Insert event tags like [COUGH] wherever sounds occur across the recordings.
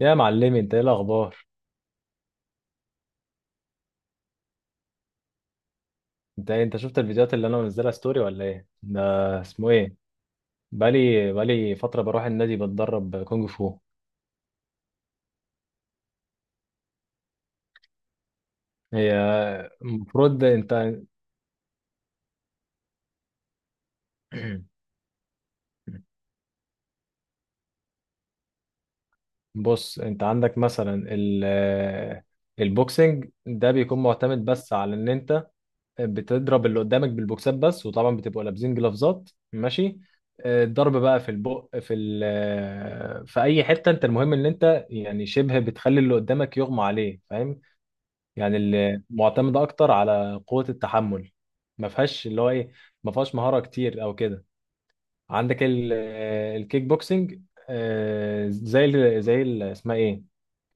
يا معلمي، انت ايه الاخبار؟ انت شفت الفيديوهات اللي انا منزلها ستوري ولا ايه ده؟ اسمه ايه؟ بقالي فتره بروح النادي بتدرب كونج فو. هي المفروض انت [CLEARS THROAT] بص، انت عندك مثلا البوكسنج ده بيكون معتمد بس على ان انت بتضرب اللي قدامك بالبوكسات بس، وطبعا بتبقوا لابسين جلافزات. ماشي. اه، الضرب بقى في البق في ال آه، في اي حته، انت المهم ان انت يعني شبه بتخلي اللي قدامك يغمى عليه. فاهم؟ يعني اللي معتمدة أكتر على قوة التحمل، ما فيهاش اللي هو إيه ما فيهاش مهارة كتير أو كده. عندك الكيك بوكسنج. آه، زي ال زي ال اسمها إيه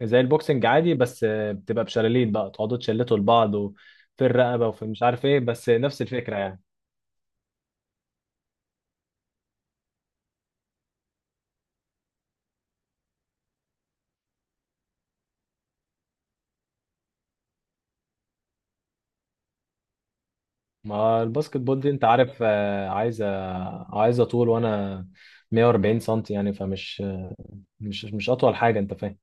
زي البوكسنج عادي، بس بتبقى بشلالين، بقى تقعدوا تشلتوا لبعض وفي الرقبة وفي مش عارف إيه، بس نفس الفكرة يعني. ما الباسكت بول دي أنت عارف، عايزة طول، وأنا 140 سنتي يعني، فمش مش مش أطول حاجة. أنت فاهم؟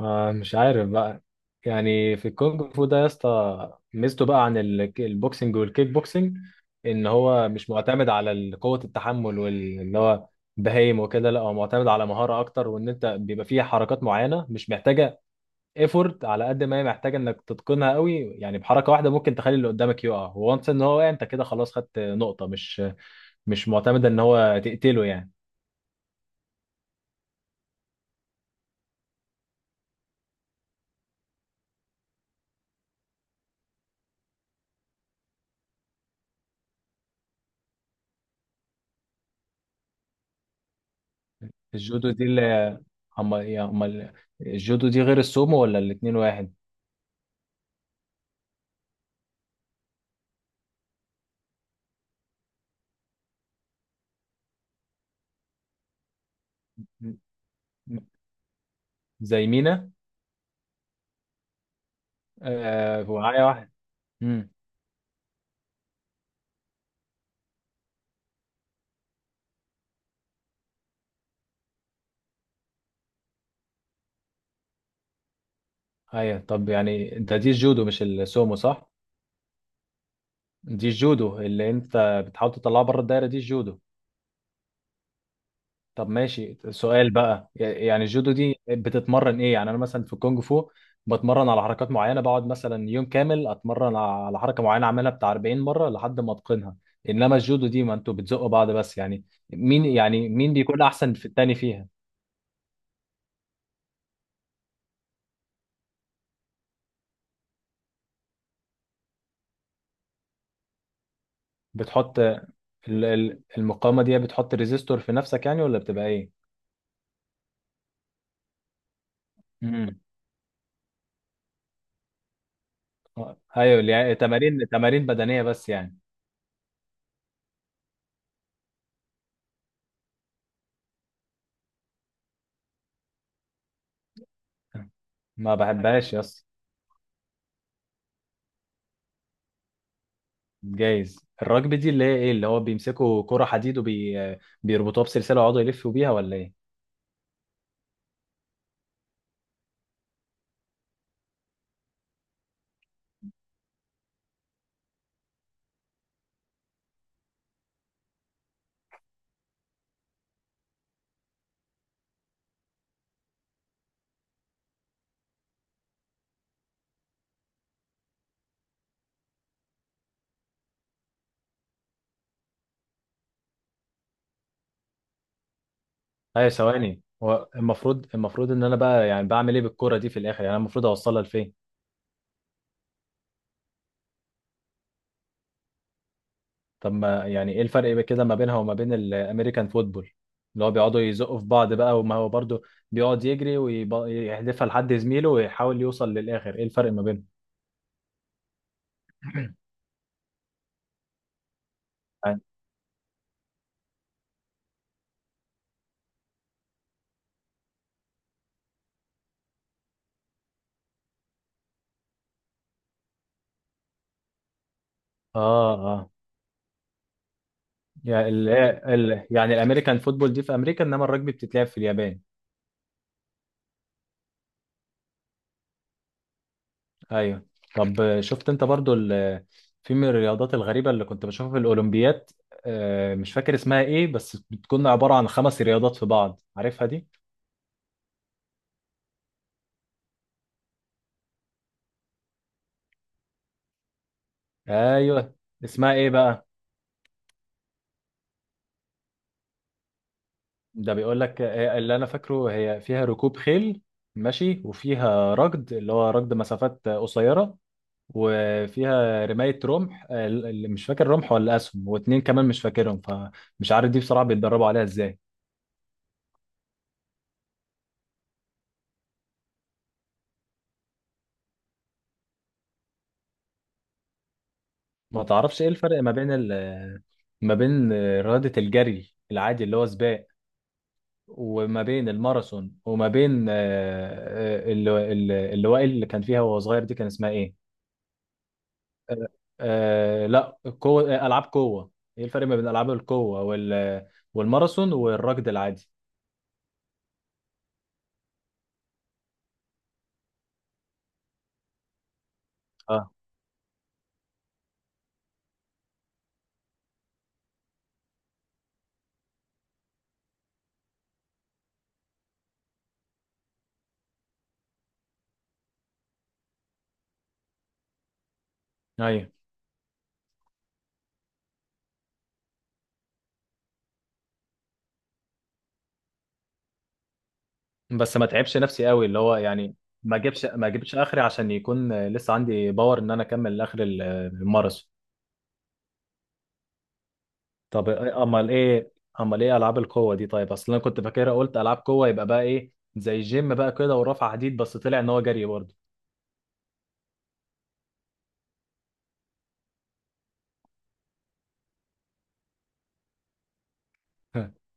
آه، مش عارف بقى. يعني في الكونغ فو ده يا اسطى، ميزته بقى عن البوكسنج والكيك بوكسنج، ان هو مش معتمد على قوة التحمل واللي هو بهايم وكده. لا، هو معتمد على مهارة اكتر، وان انت بيبقى فيه حركات معينة مش محتاجة ايفورت على قد ما هي محتاجة انك تتقنها قوي. يعني بحركة واحدة ممكن تخلي اللي قدامك يقع، وانس ان هو وقع، انت كده خلاص خدت نقطة. مش معتمدة ان هو تقتله يعني. الجودو دي اللي هم هم، الجودو دي غير السومو ولا الاتنين واحد؟ م- زي مينا. ومعايا واحد. امم ايوه، طب يعني انت دي الجودو مش السومو، صح؟ دي الجودو اللي انت بتحاول تطلعها بره الدايره، دي الجودو. طب ماشي، سؤال بقى، يعني الجودو دي بتتمرن ايه؟ يعني انا مثلا في الكونج فو بتمرن على حركات معينه، بقعد مثلا يوم كامل اتمرن على حركه معينه، اعملها بتاع 40 مره لحد ما اتقنها. انما الجودو دي، ما انتوا بتزقوا بعض بس يعني، مين يعني مين بيكون احسن في التاني فيها؟ بتحط ال- المقاومة دي بتحط ريزيستور في نفسك يعني، ولا بتبقى ايه؟ امم ايوه، اللي يعني تمارين بدنية بس يعني. ما بحبهاش، يس. جايز. الرجبي دي اللي هي ايه، اللي هو بيمسكوا كرة حديد وبيربطوها بسلسلة ويقعدوا يلفوا بيها، ولا ايه؟ ايوه ثواني، هو المفروض ان انا بقى يعني بعمل ايه بالكرة دي في الاخر؟ يعني انا المفروض اوصلها لفين؟ طب ما يعني ايه الفرق بقى كده ما بينها وما بين الامريكان فوتبول، اللي هو بيقعدوا يزقوا في بعض بقى، وما هو برضه بيقعد يجري ويحدفها لحد زميله ويحاول يوصل للاخر. ايه الفرق ما بينهم؟ يعني اه، اه، يعني الامريكان فوتبول دي في امريكا، انما الرجبي بتتلعب في اليابان. ايوه. طب شفت انت برضو في من الرياضات الغريبه اللي كنت بشوفها في الاولمبيات، مش فاكر اسمها ايه، بس بتكون عباره عن خمس رياضات في بعض. عارفها دي؟ ايوه، اسمها ايه بقى؟ ده بيقول لك، اللي انا فاكره هي فيها ركوب خيل، ماشي، وفيها ركض اللي هو ركض مسافات قصيره، وفيها رمايه رمح، اللي مش فاكر رمح ولا اسهم، واتنين كمان مش فاكرهم، فمش عارف دي بصراحه بيتدربوا عليها ازاي. ما تعرفش ايه الفرق ما بين رياضه الجري العادي اللي هو سباق، وما بين الماراثون، وما بين اللي وائل اللي كان فيها وهو صغير دي كان اسمها ايه؟ آه. آه، لا قوة آه، ألعاب قوة. ايه الفرق ما بين ألعاب القوة والماراثون والركض العادي؟ اه. ايوه، بس ما تعبش نفسي قوي، اللي هو يعني ما اجيبش اخري عشان يكون لسه عندي باور ان انا اكمل لاخر الماراثون. طب امال ايه العاب القوة دي؟ طيب اصل انا كنت فاكرها قلت العاب قوة يبقى بقى ايه، زي الجيم بقى كده ورفع حديد، بس طلع ان هو جري برضه. [LAUGHS]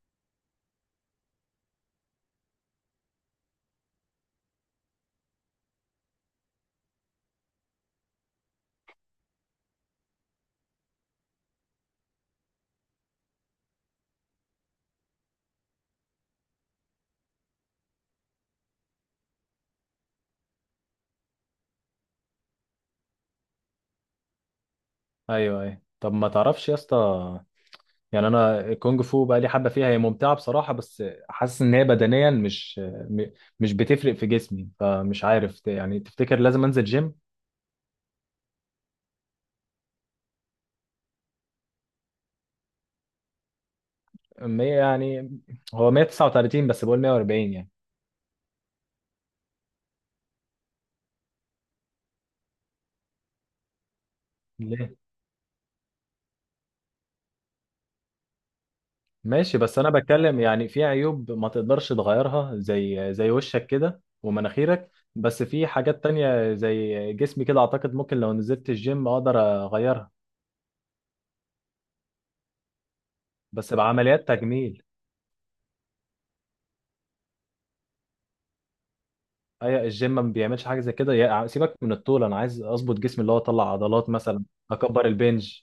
ايوه، ايوه. طب ما تعرفش يا اسطى، يعني انا الكونج فو بقى لي حبه فيها، هي ممتعه بصراحه، بس حاسس ان هي بدنيا م- مش بتفرق في جسمي، فمش عارف يعني تفتكر لازم انزل جيم؟ 100 يعني، هو 139، بس بقول 140 يعني. ليه؟ ماشي، بس انا بتكلم يعني في عيوب ما تقدرش تغيرها زي وشك كده ومناخيرك، بس في حاجات تانية زي جسمي كده، اعتقد ممكن لو نزلت الجيم اقدر اغيرها. بس بعمليات تجميل. هي الجيم ما بيعملش حاجه زي كده؟ سيبك من الطول، انا عايز اظبط جسمي اللي هو اطلع عضلات مثلا اكبر البنج.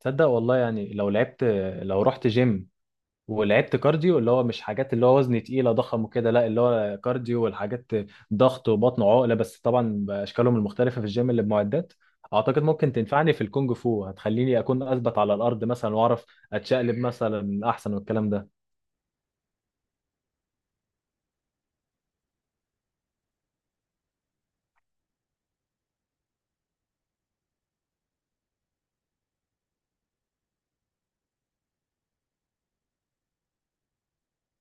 تصدق والله، يعني لو رحت جيم ولعبت كارديو، اللي هو مش حاجات اللي هو وزن تقيله ضخم وكده، لا اللي هو كارديو والحاجات ضغط وبطن وعقله، بس طبعا باشكالهم المختلفه في الجيم اللي بمعدات، اعتقد ممكن تنفعني في الكونج فو، هتخليني اكون اثبت على الارض مثلا، واعرف اتشقلب مثلا احسن والكلام ده.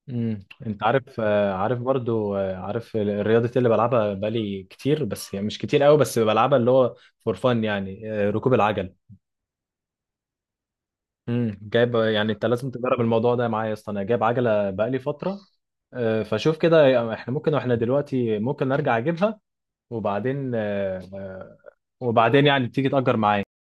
انت عارف آه، عارف برضو آه، عارف الرياضه اللي بلعبها بقالي كتير، بس يعني مش كتير قوي، بس بلعبها، اللي هو فور فان يعني، ركوب العجل. جايب يعني انت لازم تجرب الموضوع ده معايا يا اسطى، انا جايب عجله بقالي فتره، فشوف كده احنا ممكن واحنا دلوقتي ممكن ارجع اجيبها، وبعدين آه، آه، وبعدين يعني تيجي تأجر معايا.